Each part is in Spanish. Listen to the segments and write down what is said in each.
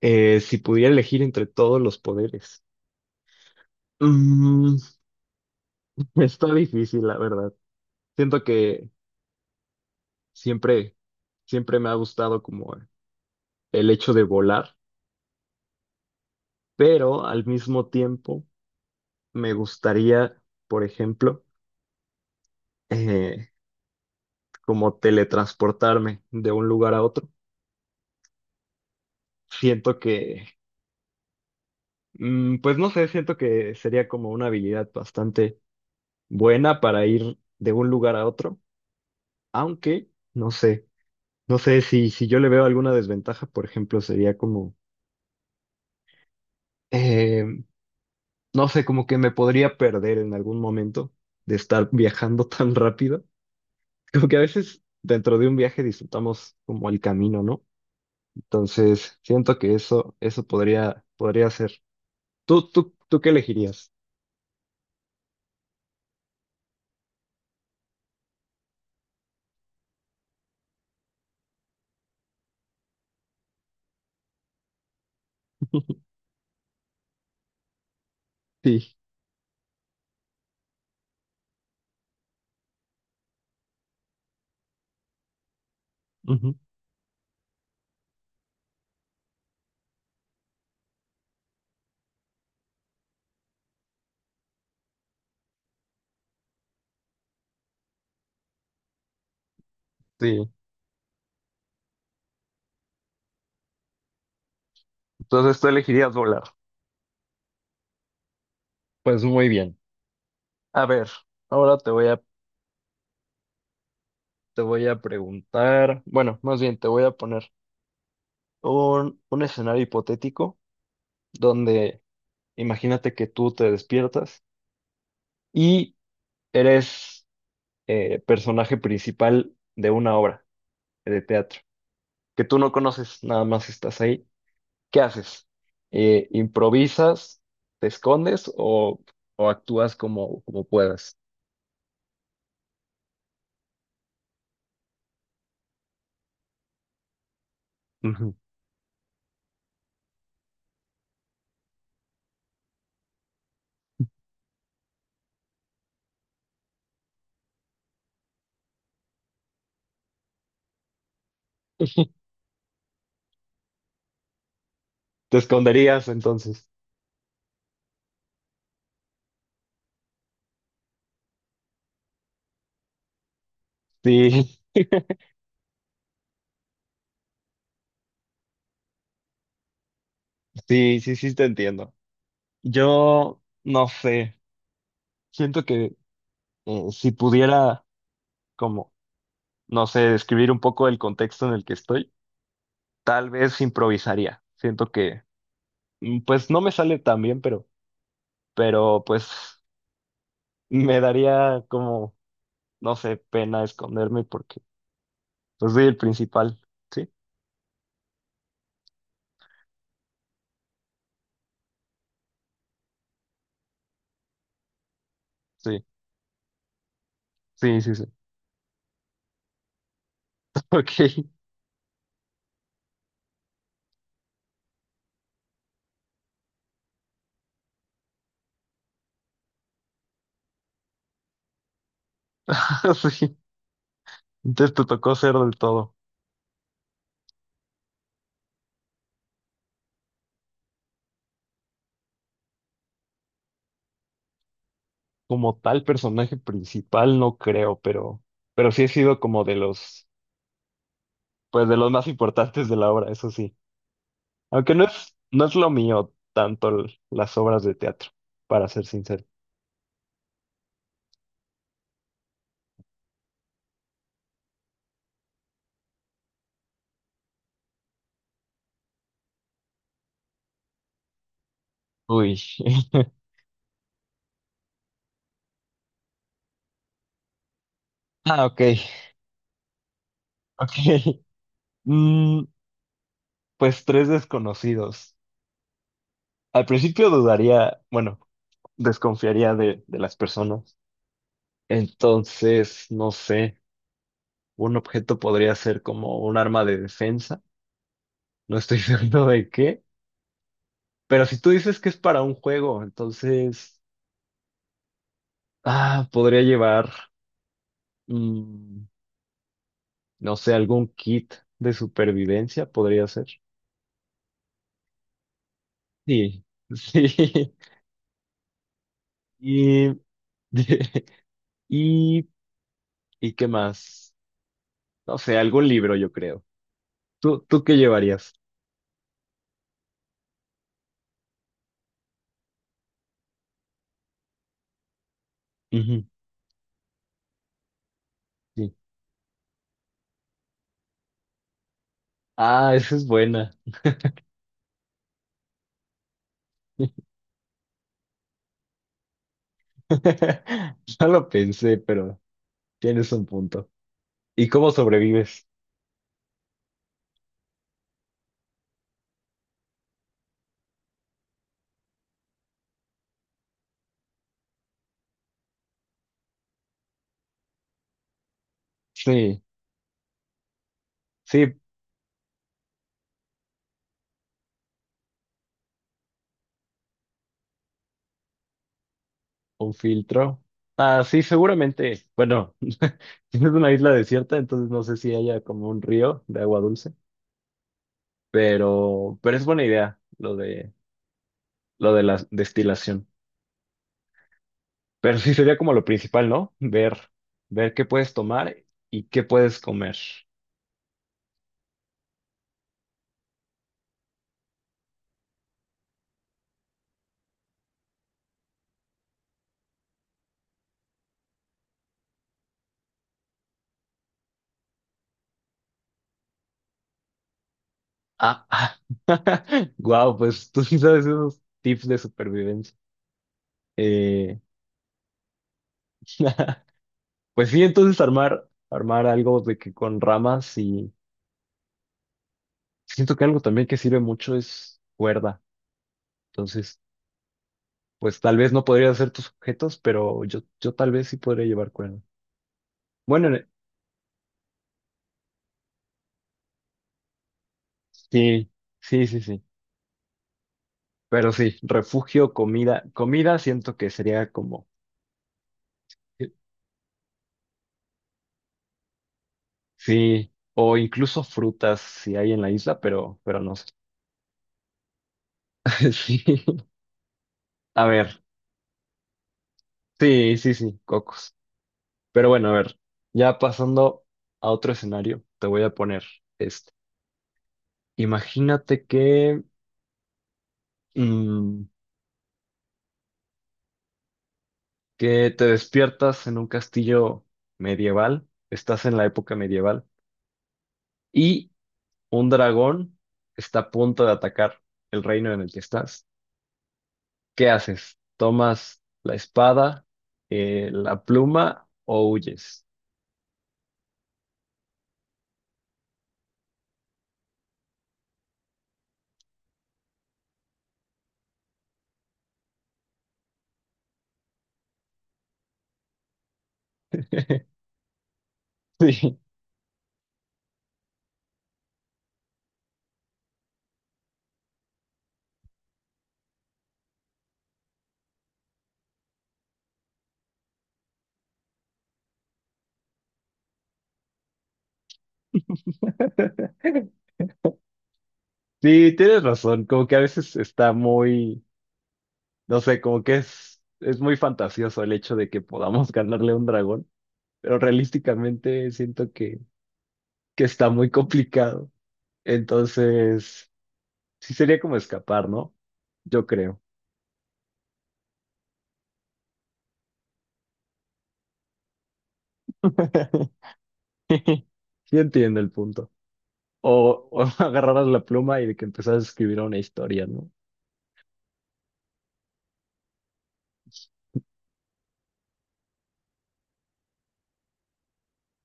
Si pudiera elegir entre todos los poderes, Mm, está difícil, la verdad. Siento que siempre, siempre me ha gustado como el hecho de volar, pero al mismo tiempo me gustaría, por ejemplo, eh, como teletransportarme de un lugar a otro. Siento que, pues no sé, siento que sería como una habilidad bastante buena para ir de un lugar a otro, aunque, no sé. No sé si yo le veo alguna desventaja, por ejemplo, sería como, eh, no sé, como que me podría perder en algún momento de estar viajando tan rápido. Como que a veces dentro de un viaje disfrutamos como el camino, ¿no? Entonces, siento que eso podría, podría ser. ¿Tú qué elegirías? Sí, ujú, sí. Entonces tú elegirías volar. Pues muy bien. A ver, ahora te voy a preguntar, bueno, más bien te voy a poner un escenario hipotético donde imagínate que tú te despiertas y eres personaje principal de una obra de teatro que tú no conoces, nada más estás ahí. ¿Qué haces? ¿Improvisas, te escondes o actúas como puedas? Ujú. Te esconderías entonces. Sí, sí, sí, sí, te entiendo. Yo no sé, siento que si pudiera como no sé, describir un poco el contexto en el que estoy, tal vez improvisaría. Siento que, pues no me sale tan bien, pero pues me daría como, no sé, pena esconderme porque pues soy el principal. Sí, sí, sí, sí, sí. Ok, sí. Entonces te tocó ser del todo. Como tal personaje principal, no creo, pero sí he sido como pues de los más importantes de la obra, eso sí. Aunque no es lo mío tanto las obras de teatro, para ser sincero. Uy. Ah, ok. Ok. Mm, pues tres desconocidos. Al principio dudaría, bueno, desconfiaría de las personas. Entonces, no sé, un objeto podría ser como un arma de defensa. No estoy seguro de qué. Pero si tú dices que es para un juego, entonces, ah, podría llevar, mm, no sé, algún kit de supervivencia podría ser. Sí, sí. Y, y, ¿y qué más? No sé, algún libro, yo creo. ¿Tú qué llevarías? Ujú, sí. Ah, esa es buena. No lo pensé, pero tienes un punto. ¿Y cómo sobrevives? Sí, sí, un filtro. Ah, sí, seguramente. Bueno, tienes una isla desierta, entonces no sé si haya como un río de agua dulce. Pero es buena idea lo de la destilación. Pero sí sería como lo principal, ¿no? Ver qué puedes tomar y qué puedes comer. Ah, ah. Wow, pues tú sí sabes esos tips de supervivencia. Eh, pues sí, entonces armar algo de que con ramas y siento que algo también que sirve mucho es cuerda. Entonces, pues tal vez no podría hacer tus objetos, pero yo tal vez sí podría llevar cuerda. Bueno, en- sí, sí, sí, sí. Pero sí, refugio, comida siento que sería como, sí, o incluso frutas si hay en la isla, pero no sé. Sí. A ver, sí, sí, sí, cocos. Pero bueno, a ver, ya pasando a otro escenario, te voy a poner este. Imagínate que, mm, que te despiertas en un castillo medieval, estás en la época medieval, y un dragón está a punto de atacar el reino en el que estás. ¿Qué haces? ¿Tomas la espada, la pluma o huyes? Sí, sí, tienes razón. Como que a veces está muy, no sé, como que es muy fantasioso el hecho de que podamos ganarle a un dragón, pero realísticamente siento que está muy complicado. Entonces, sí sería como escapar, ¿no? Yo creo. Sí, entiendo el punto. O agarraras la pluma y de que empezaras a escribir una historia, ¿no?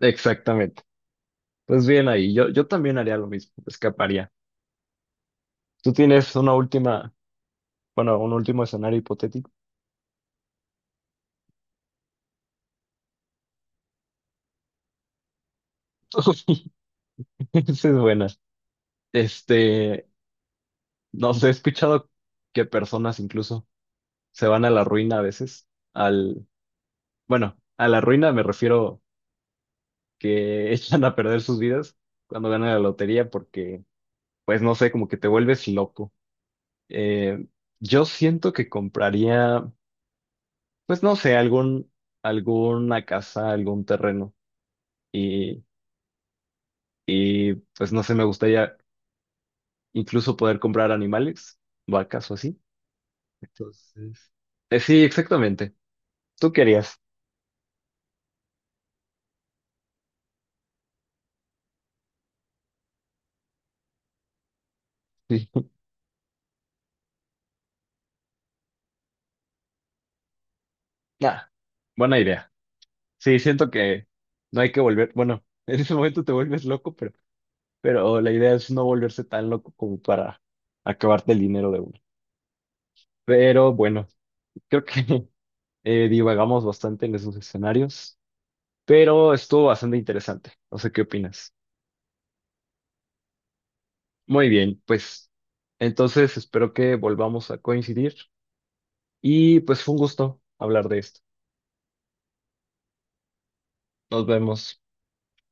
Exactamente. Pues bien ahí, yo también haría lo mismo, escaparía. Tú tienes una última, bueno, un último escenario hipotético. Esa es buena. Este, no sé, he escuchado que personas incluso se van a la ruina a veces, al, bueno, a la ruina me refiero que echan a perder sus vidas cuando ganan la lotería porque, pues no sé, como que te vuelves loco. Eh, yo siento que compraría, pues no sé, algún, alguna casa, algún terreno y, y pues no sé, me gustaría incluso poder comprar animales, vacas o así. Entonces, sí, exactamente. ¿Tú querías? Sí. Nah, buena idea. Sí, siento que no hay que volver, bueno, en ese momento te vuelves loco, pero la idea es no volverse tan loco como para acabarte el dinero de uno. Pero bueno, creo que divagamos bastante en esos escenarios, pero estuvo bastante interesante. No sé qué opinas. Muy bien, pues entonces espero que volvamos a coincidir y pues fue un gusto hablar de esto. Nos vemos.